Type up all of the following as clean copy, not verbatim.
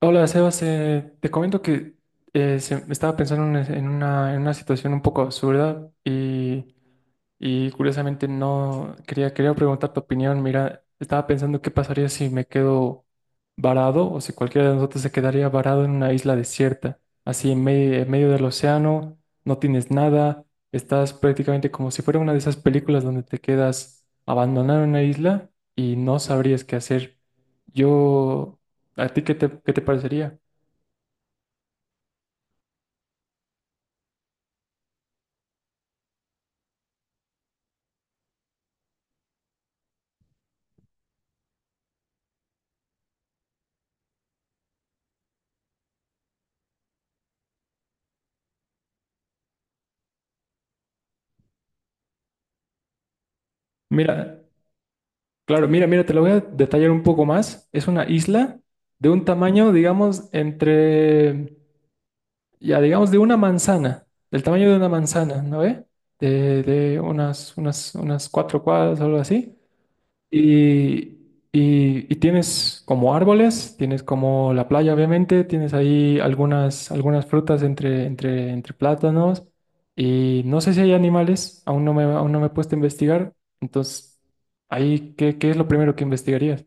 Hola, Sebas. Te comento que estaba pensando en, en una situación un poco absurda y curiosamente no quería, quería preguntar tu opinión. Mira, estaba pensando qué pasaría si me quedo varado o si cualquiera de nosotros se quedaría varado en una isla desierta, así en medio del océano, no tienes nada, estás prácticamente como si fuera una de esas películas donde te quedas abandonado en una isla y no sabrías qué hacer. Yo... ¿A ti qué te parecería? Mira, claro, mira, te lo voy a detallar un poco más. Es una isla de un tamaño, digamos, entre, ya digamos, de una manzana, del tamaño de una manzana, ¿no ve? De unas, unas cuatro cuadras o algo así. Y, y tienes como árboles, tienes como la playa, obviamente, tienes ahí algunas, algunas frutas entre, entre plátanos. Y no sé si hay animales, aún no me he puesto a investigar. Entonces, ahí, qué es lo primero que investigarías?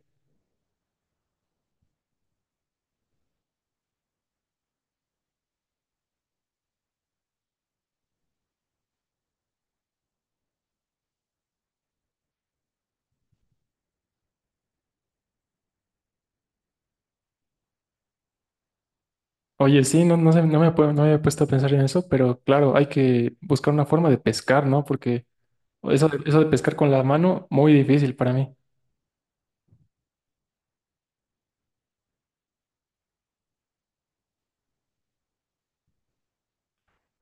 Oye, sí, no, no sé, no me había puesto a pensar en eso, pero claro, hay que buscar una forma de pescar, ¿no? Porque eso, eso de pescar con la mano, muy difícil para mí.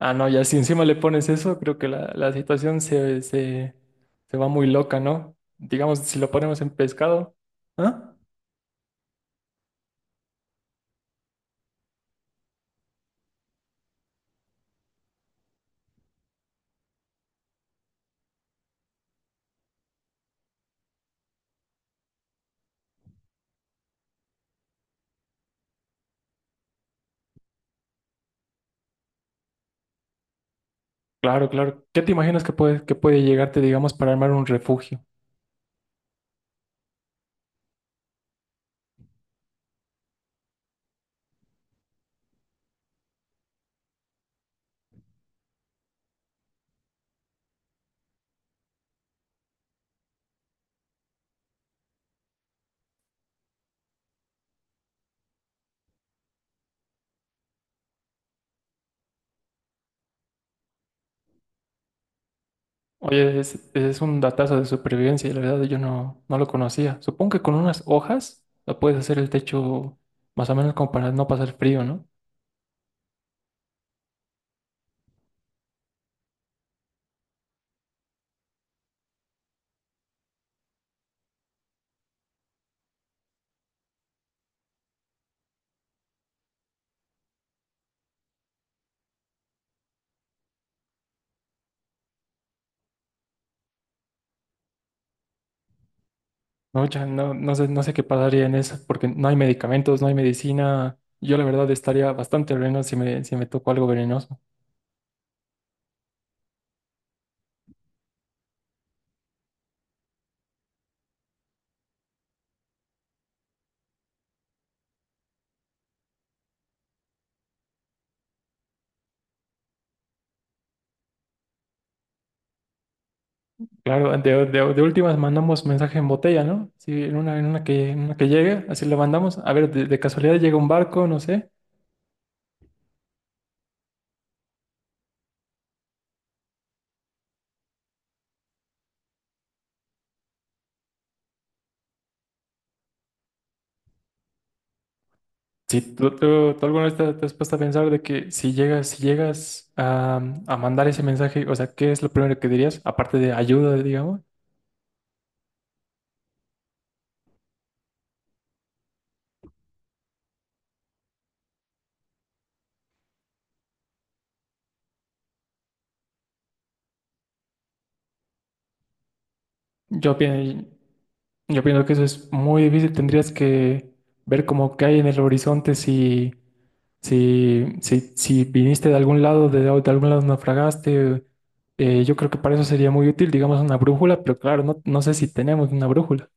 Ah, no, ya si encima le pones eso, creo que la situación se, se va muy loca, ¿no? Digamos, si lo ponemos en pescado. ¿Ah? Claro, claro. ¿Qué te imaginas que que puede llegarte, digamos, para armar un refugio? Oye, es un datazo de supervivencia y la verdad yo no, no lo conocía. Supongo que con unas hojas lo puedes hacer el techo más o menos como para no pasar frío, ¿no? No, ya no, no sé, no sé qué pasaría en eso, porque no hay medicamentos, no hay medicina. Yo la verdad estaría bastante veneno si me tocó algo venenoso. Claro, de últimas mandamos mensaje en botella, ¿no? Sí, en una que llegue, así lo mandamos. A ver, de casualidad llega un barco, no sé. Sí, tú alguna vez te has puesto a pensar de que si llegas, si llegas a mandar ese mensaje, o sea, ¿qué es lo primero que dirías? Aparte de ayuda, digamos. Yo pienso. Yo pienso que eso es muy difícil. Tendrías que ver como qué hay en el horizonte si, si, si viniste de algún lado naufragaste. Yo creo que para eso sería muy útil, digamos, una brújula, pero claro, no, no sé si tenemos una brújula.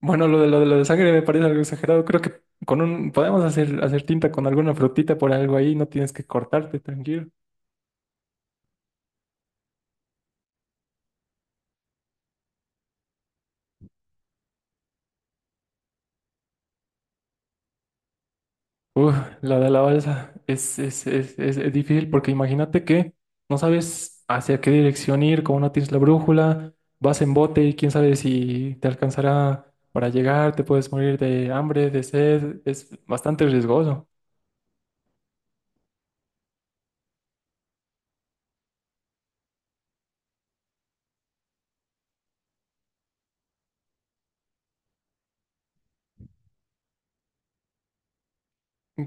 Bueno, lo de sangre me parece algo exagerado. Creo que con un podemos hacer, hacer tinta con alguna frutita por algo ahí, no tienes que cortarte, tranquilo. Uf, la de la balsa es difícil porque imagínate que no sabes hacia qué dirección ir, como no tienes la brújula, vas en bote y quién sabe si te alcanzará para llegar, te puedes morir de hambre, de sed, es bastante riesgoso.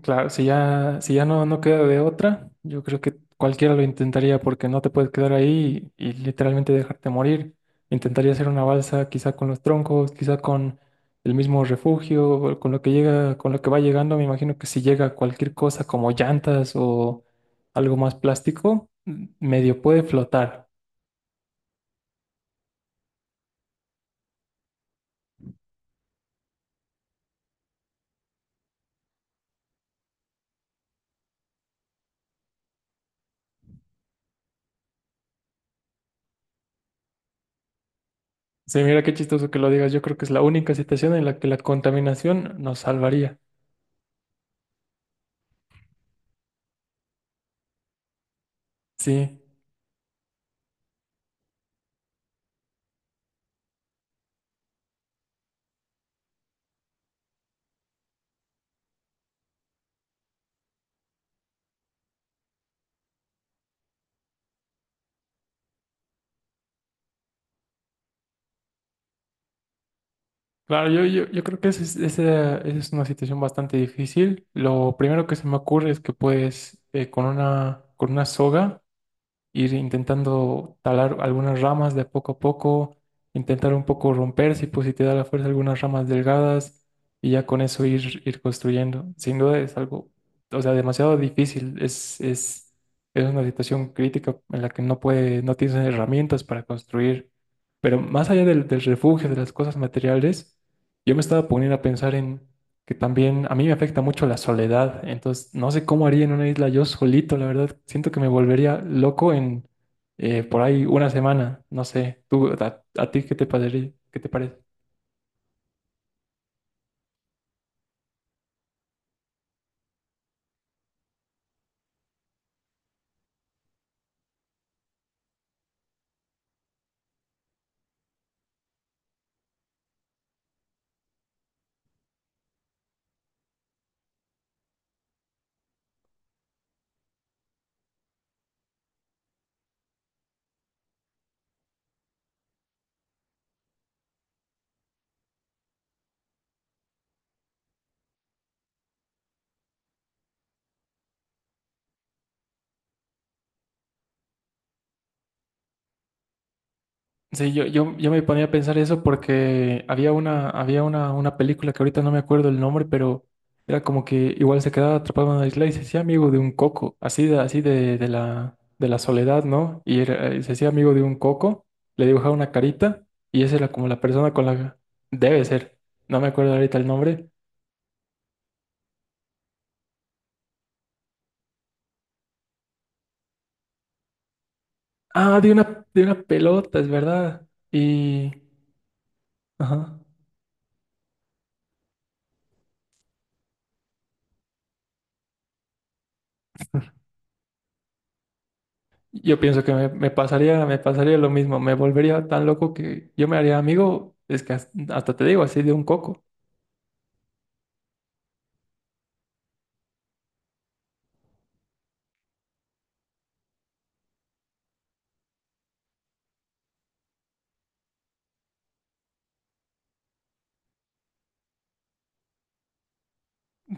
Claro, si ya, si ya no, no queda de otra, yo creo que cualquiera lo intentaría porque no te puedes quedar ahí y literalmente dejarte morir. Intentaría hacer una balsa quizá con los troncos, quizá con el mismo refugio, o con lo que llega, con lo que va llegando. Me imagino que si llega cualquier cosa como llantas o algo más plástico, medio puede flotar. Sí, mira qué chistoso que lo digas. Yo creo que es la única situación en la que la contaminación nos salvaría. Sí. Claro, yo creo que esa es, esa es una situación bastante difícil. Lo primero que se me ocurre es que puedes con una soga ir intentando talar algunas ramas de poco a poco, intentar un poco romper, si, pues, si te da la fuerza, algunas ramas delgadas y ya con eso ir, ir construyendo. Sin duda es algo, o sea, demasiado difícil, es una situación crítica en la que no puede, no tienes herramientas para construir. Pero más allá del, del refugio, de las cosas materiales, yo me estaba poniendo a pensar en que también a mí me afecta mucho la soledad, entonces no sé cómo haría en una isla yo solito, la verdad, siento que me volvería loco en por ahí una semana, no sé, tú, a ti, ¿qué te parecería? ¿Qué te parece? Sí, yo me ponía a pensar eso porque había una, una película que ahorita no me acuerdo el nombre, pero era como que igual se quedaba atrapado en una isla y se hacía amigo de un coco, así de, de la soledad, ¿no? Se hacía amigo de un coco, le dibujaba una carita y esa era como la persona con la debe ser. No me acuerdo ahorita el nombre. Ah, de una pelota, es verdad. Y... Ajá. Yo pienso que me pasaría lo mismo, me volvería tan loco que yo me haría amigo, es que hasta te digo, así de un coco.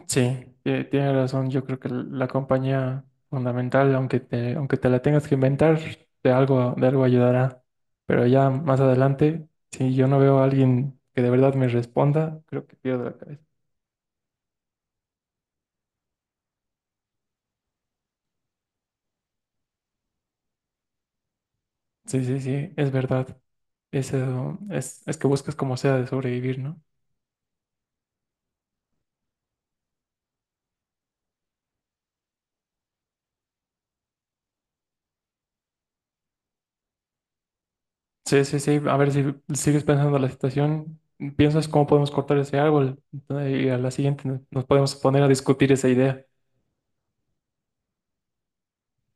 Sí, tienes razón, yo creo que la compañía fundamental, aunque te la tengas que inventar, de algo ayudará. Pero ya más adelante, si yo no veo a alguien que de verdad me responda, creo que pierdo la cabeza. Sí, sí, sí, es verdad. Eso es que buscas como sea de sobrevivir, ¿no? Sí, sí, sí. A ver si sigues pensando la situación, piensas cómo podemos cortar ese árbol, ¿no? Y a la siguiente nos podemos poner a discutir esa idea.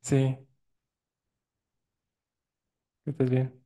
Sí, que estés bien.